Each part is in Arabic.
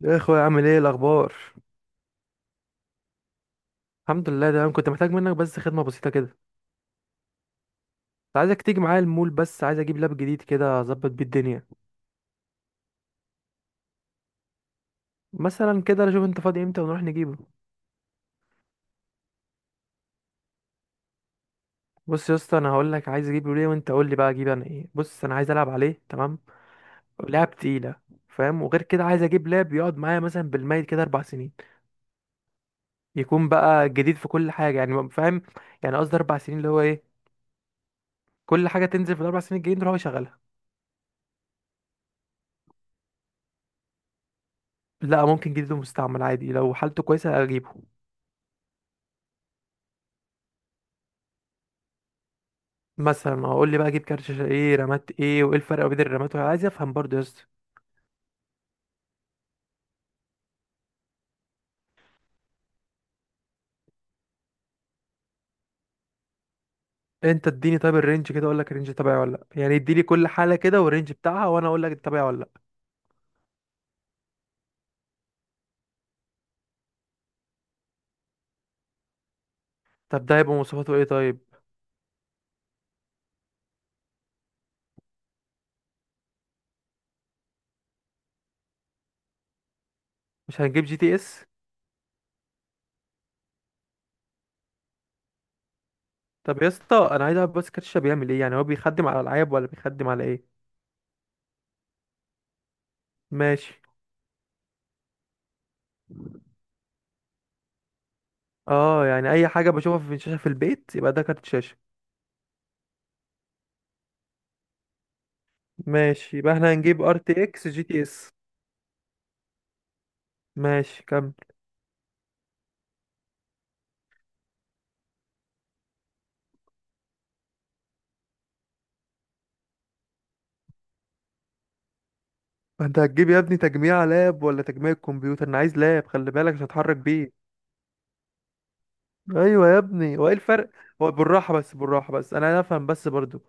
يا اخويا، عامل ايه؟ إيه الاخبار؟ الحمد لله تمام. كنت محتاج منك بس خدمه بسيطه كده، كنت عايزك تيجي معايا المول، بس عايز اجيب لاب جديد كده اظبط بيه الدنيا. مثلا كده شوف انت فاضي امتى ونروح نجيبه. بص يا اسطى، انا هقول لك عايز اجيبه ليه وانت قول لي بقى اجيب انا ايه. بص انا عايز العب عليه، تمام؟ لعب تقيله، فاهم؟ وغير كده عايز اجيب لاب يقعد معايا مثلا بالميت كده 4 سنين. يكون بقى جديد في كل حاجه، يعني فاهم؟ يعني قصدي 4 سنين اللي هو ايه، كل حاجه تنزل في الاربع سنين الجايين تروح يشغلها. لا، ممكن جديد ومستعمل عادي، لو حالته كويسه اجيبه. مثلا اقول لي بقى اجيب كارت شاشه ايه، رامات ايه، وايه الفرق بين الرامات، وأنا عايز افهم برضه يا اسطى. انت اديني طيب الرينج كده، اقول لك الرينج تبعي ولا لا. يعني اديني كل حاله كده والرينج بتاعها وانا اقول لك تبعي ولا لا. طب ده هيبقى مواصفاته ايه طيب؟ مش هنجيب جي تي اس؟ طب يا اسطى، انا عايز اعرف بس كارت الشاشه بيعمل ايه؟ يعني هو بيخدم على العاب ولا بيخدم على ايه؟ ماشي. اه، يعني اي حاجه بشوفها في الشاشه في البيت يبقى ده كارت شاشه؟ ماشي، يبقى احنا هنجيب ار تي اكس جي تي اس. ماشي، كمل. انت هتجيب يا ابني تجميع لاب ولا تجميع كمبيوتر؟ انا عايز لاب، خلي بالك عشان اتحرك بيه. ايوه يا ابني، هو ايه الفرق؟ هو بالراحه بس بالراحه بس، انا افهم بس برضو.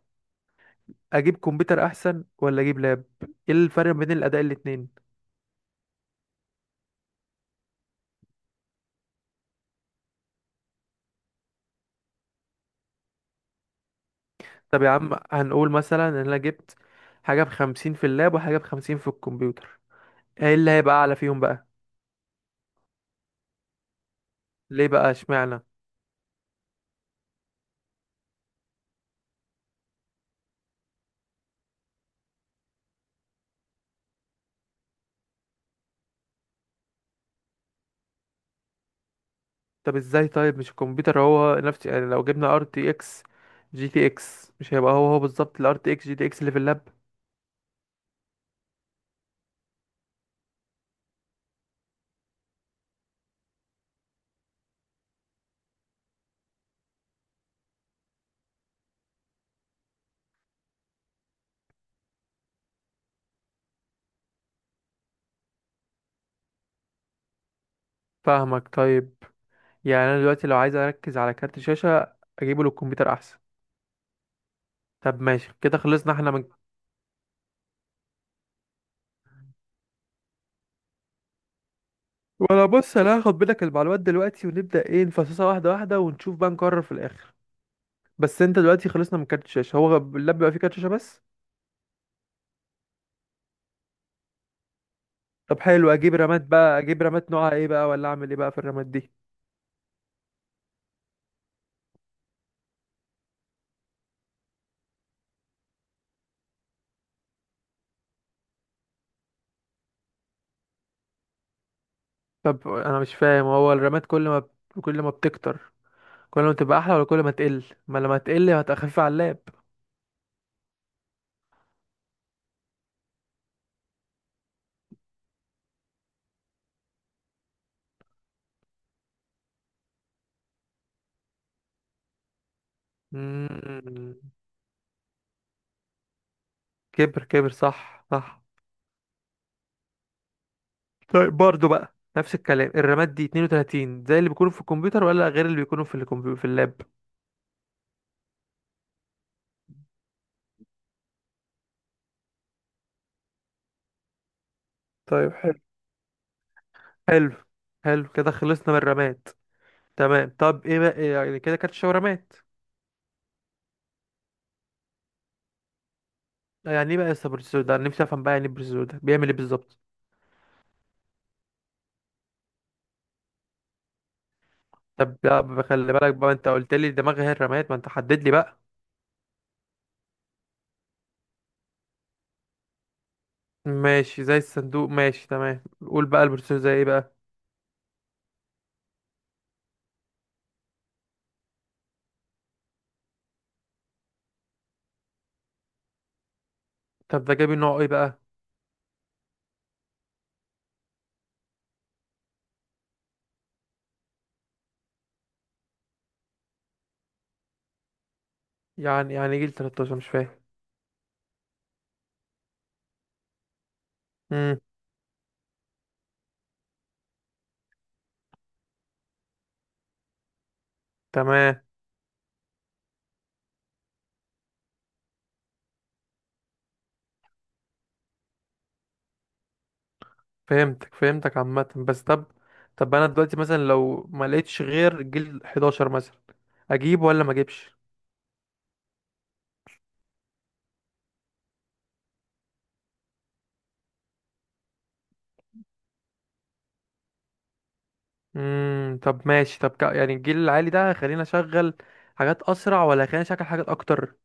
اجيب كمبيوتر احسن ولا اجيب لاب؟ ايه الفرق بين الاداء الاتنين؟ طب يا عم، هنقول مثلا ان انا جبت حاجه بـ50 في اللاب وحاجه بـ50 في الكمبيوتر، ايه اللي هيبقى اعلى فيهم بقى؟ ليه بقى؟ اشمعنى؟ طب ازاي طيب؟ مش الكمبيوتر هو نفس، يعني لو جبنا ار تي اكس جي تي اكس، مش هيبقى هو هو بالظبط الار تي اكس جي تي اكس اللي في اللاب؟ فاهمك طيب. يعني انا دلوقتي لو عايز اركز على كارت شاشه اجيبه للكمبيوتر احسن؟ طب ماشي كده، خلصنا احنا من. وانا بص انا هاخد منك المعلومات دلوقتي ونبدأ ايه نفصصها واحدة واحدة ونشوف بقى نقرر في الاخر. بس انت دلوقتي خلصنا من كارت الشاشة، هو اللاب بقى فيه كارت شاشة بس؟ طب حلو، اجيب رامات بقى، اجيب رامات نوعها ايه بقى ولا اعمل ايه بقى في الرامات دي؟ طب انا مش فاهم، هو الرامات كل ما بتكتر كل ما تبقى احلى، ولا كل ما تقل ما لما تقل هتخف على اللاب؟ مم، كبر كبر، صح صح. طيب برضه بقى نفس الكلام، الرامات دي 32 زي اللي بيكونوا في الكمبيوتر ولا غير اللي بيكونوا في الكمبيوتر في اللاب؟ طيب، حلو. حلو. حلو كده، خلصنا من الرماد. تمام. طب ايه بقى، يعني كده كانت شاورمات. يعني ايه بقى السبرسو ده، انا نفسي افهم بقى. يعني البرسو ده بيعمل ايه بالظبط؟ طب لا، بخلي بالك بقى، انت قلت لي دماغي هي الرماد، ما انت حدد لي بقى. ماشي، زي الصندوق، ماشي تمام. قول بقى البرسو زي ايه بقى؟ طب ده جايب نوع ايه بقى؟ يعني جيل 13 مش فاهم. امم تمام. فهمتك فهمتك عامه بس. طب، طب انا دلوقتي مثلا لو ما لقيتش غير جيل 11 مثلا اجيبه ولا ما اجيبش؟ طب ماشي. طب يعني الجيل العالي ده خلينا اشغل حاجات اسرع ولا خلينا اشغل حاجات اكتر؟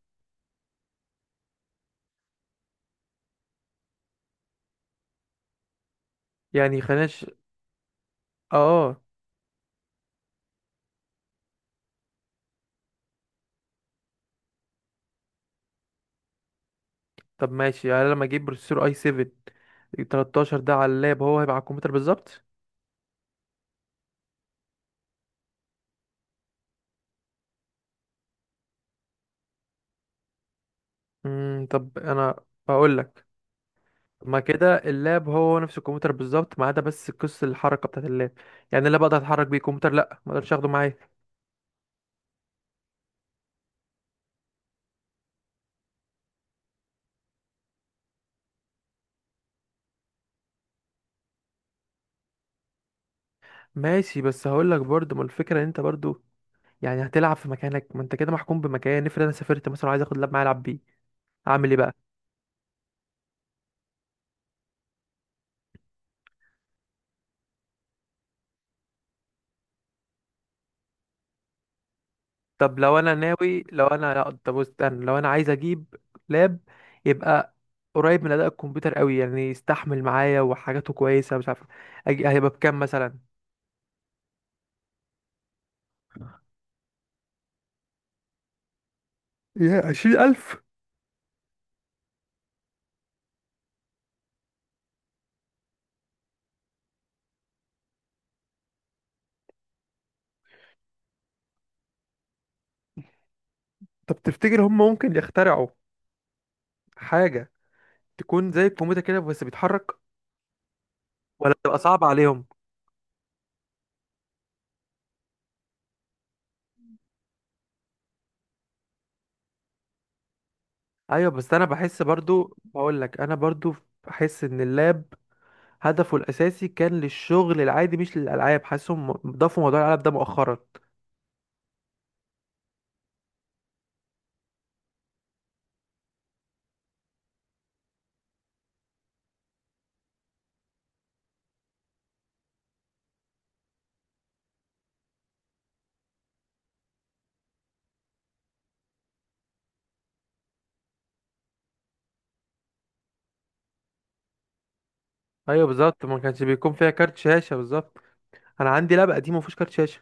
يعني خلينا اه. طب ماشي، يعني لما اجيب بروسيسور اي 7 13 ده على اللاب هو هيبقى على الكمبيوتر بالظبط؟ طب انا هقول لك، ما كده اللاب هو نفس الكمبيوتر بالظبط ما عدا بس قصة الحركة بتاعت اللاب. يعني اللاب اقدر اتحرك بيه، الكمبيوتر لا، ما اقدرش اخده معايا. ماشي، بس هقول لك برضه ما الفكرة ان انت برضه يعني هتلعب في مكانك، ما انت كده محكوم بمكان. افرض انا سافرت مثلا، عايز اخد لاب معايا العب بيه، اعمل ايه بقى؟ طب لو انا ناوي، لو انا لا، طب استنى، لو انا عايز اجيب لاب يبقى قريب من اداء الكمبيوتر قوي، يعني يستحمل معايا وحاجاته كويسه، مش عارف. هيبقى بكام مثلا؟ يا 20 ألف؟ طب تفتكر هم ممكن يخترعوا حاجه تكون زي الكمبيوتر كده بس بيتحرك، ولا تبقى صعبه عليهم؟ ايوه، بس انا بحس برضو، بقول لك انا برضو بحس ان اللاب هدفه الاساسي كان للشغل العادي مش للالعاب، حاسسهم ضافوا موضوع الالعاب ده مؤخرا. ايوه بالظبط، ما كانش بيكون فيها كارت شاشه بالظبط. انا عندي لاب قديم ما فيهوش كارت شاشه.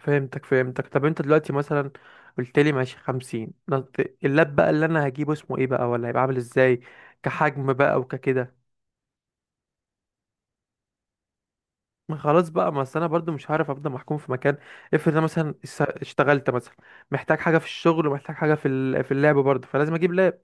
فهمتك فهمتك. طب انت دلوقتي مثلا قلت لي ماشي 50 اللاب بقى اللي انا هجيبه اسمه ايه بقى، ولا هيبقى عامل ازاي كحجم بقى وككده؟ ما خلاص بقى، ما أصل انا برضو مش هعرف افضل محكوم في مكان. افرض انا مثلا اشتغلت مثلا، محتاج حاجه في الشغل ومحتاج حاجه في في اللعب برضو، فلازم اجيب لاب.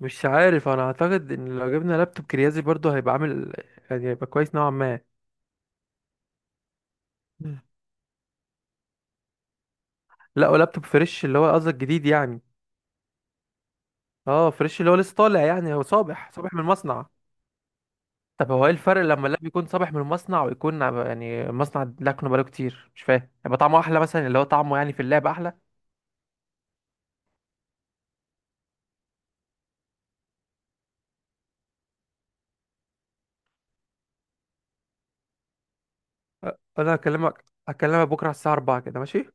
مش عارف، انا اعتقد ان لو جبنا لابتوب كريازي برضو هيبقى عامل، يعني هيبقى كويس نوعا ما. مم. لا، ولابتوب فريش اللي هو قصدك جديد يعني؟ اه، فريش اللي هو لسه طالع، يعني هو صابح صابح من المصنع. طب هو ايه الفرق لما اللب يكون صابح من المصنع ويكون يعني مصنع لكنه بقاله كتير؟ مش فاهم. يبقى طعمه احلى مثلا، اللي هو طعمه يعني في اللعب احلى؟ أ- انا هكلمك هكلمك بكره على الساعه 4 كده، ماشي؟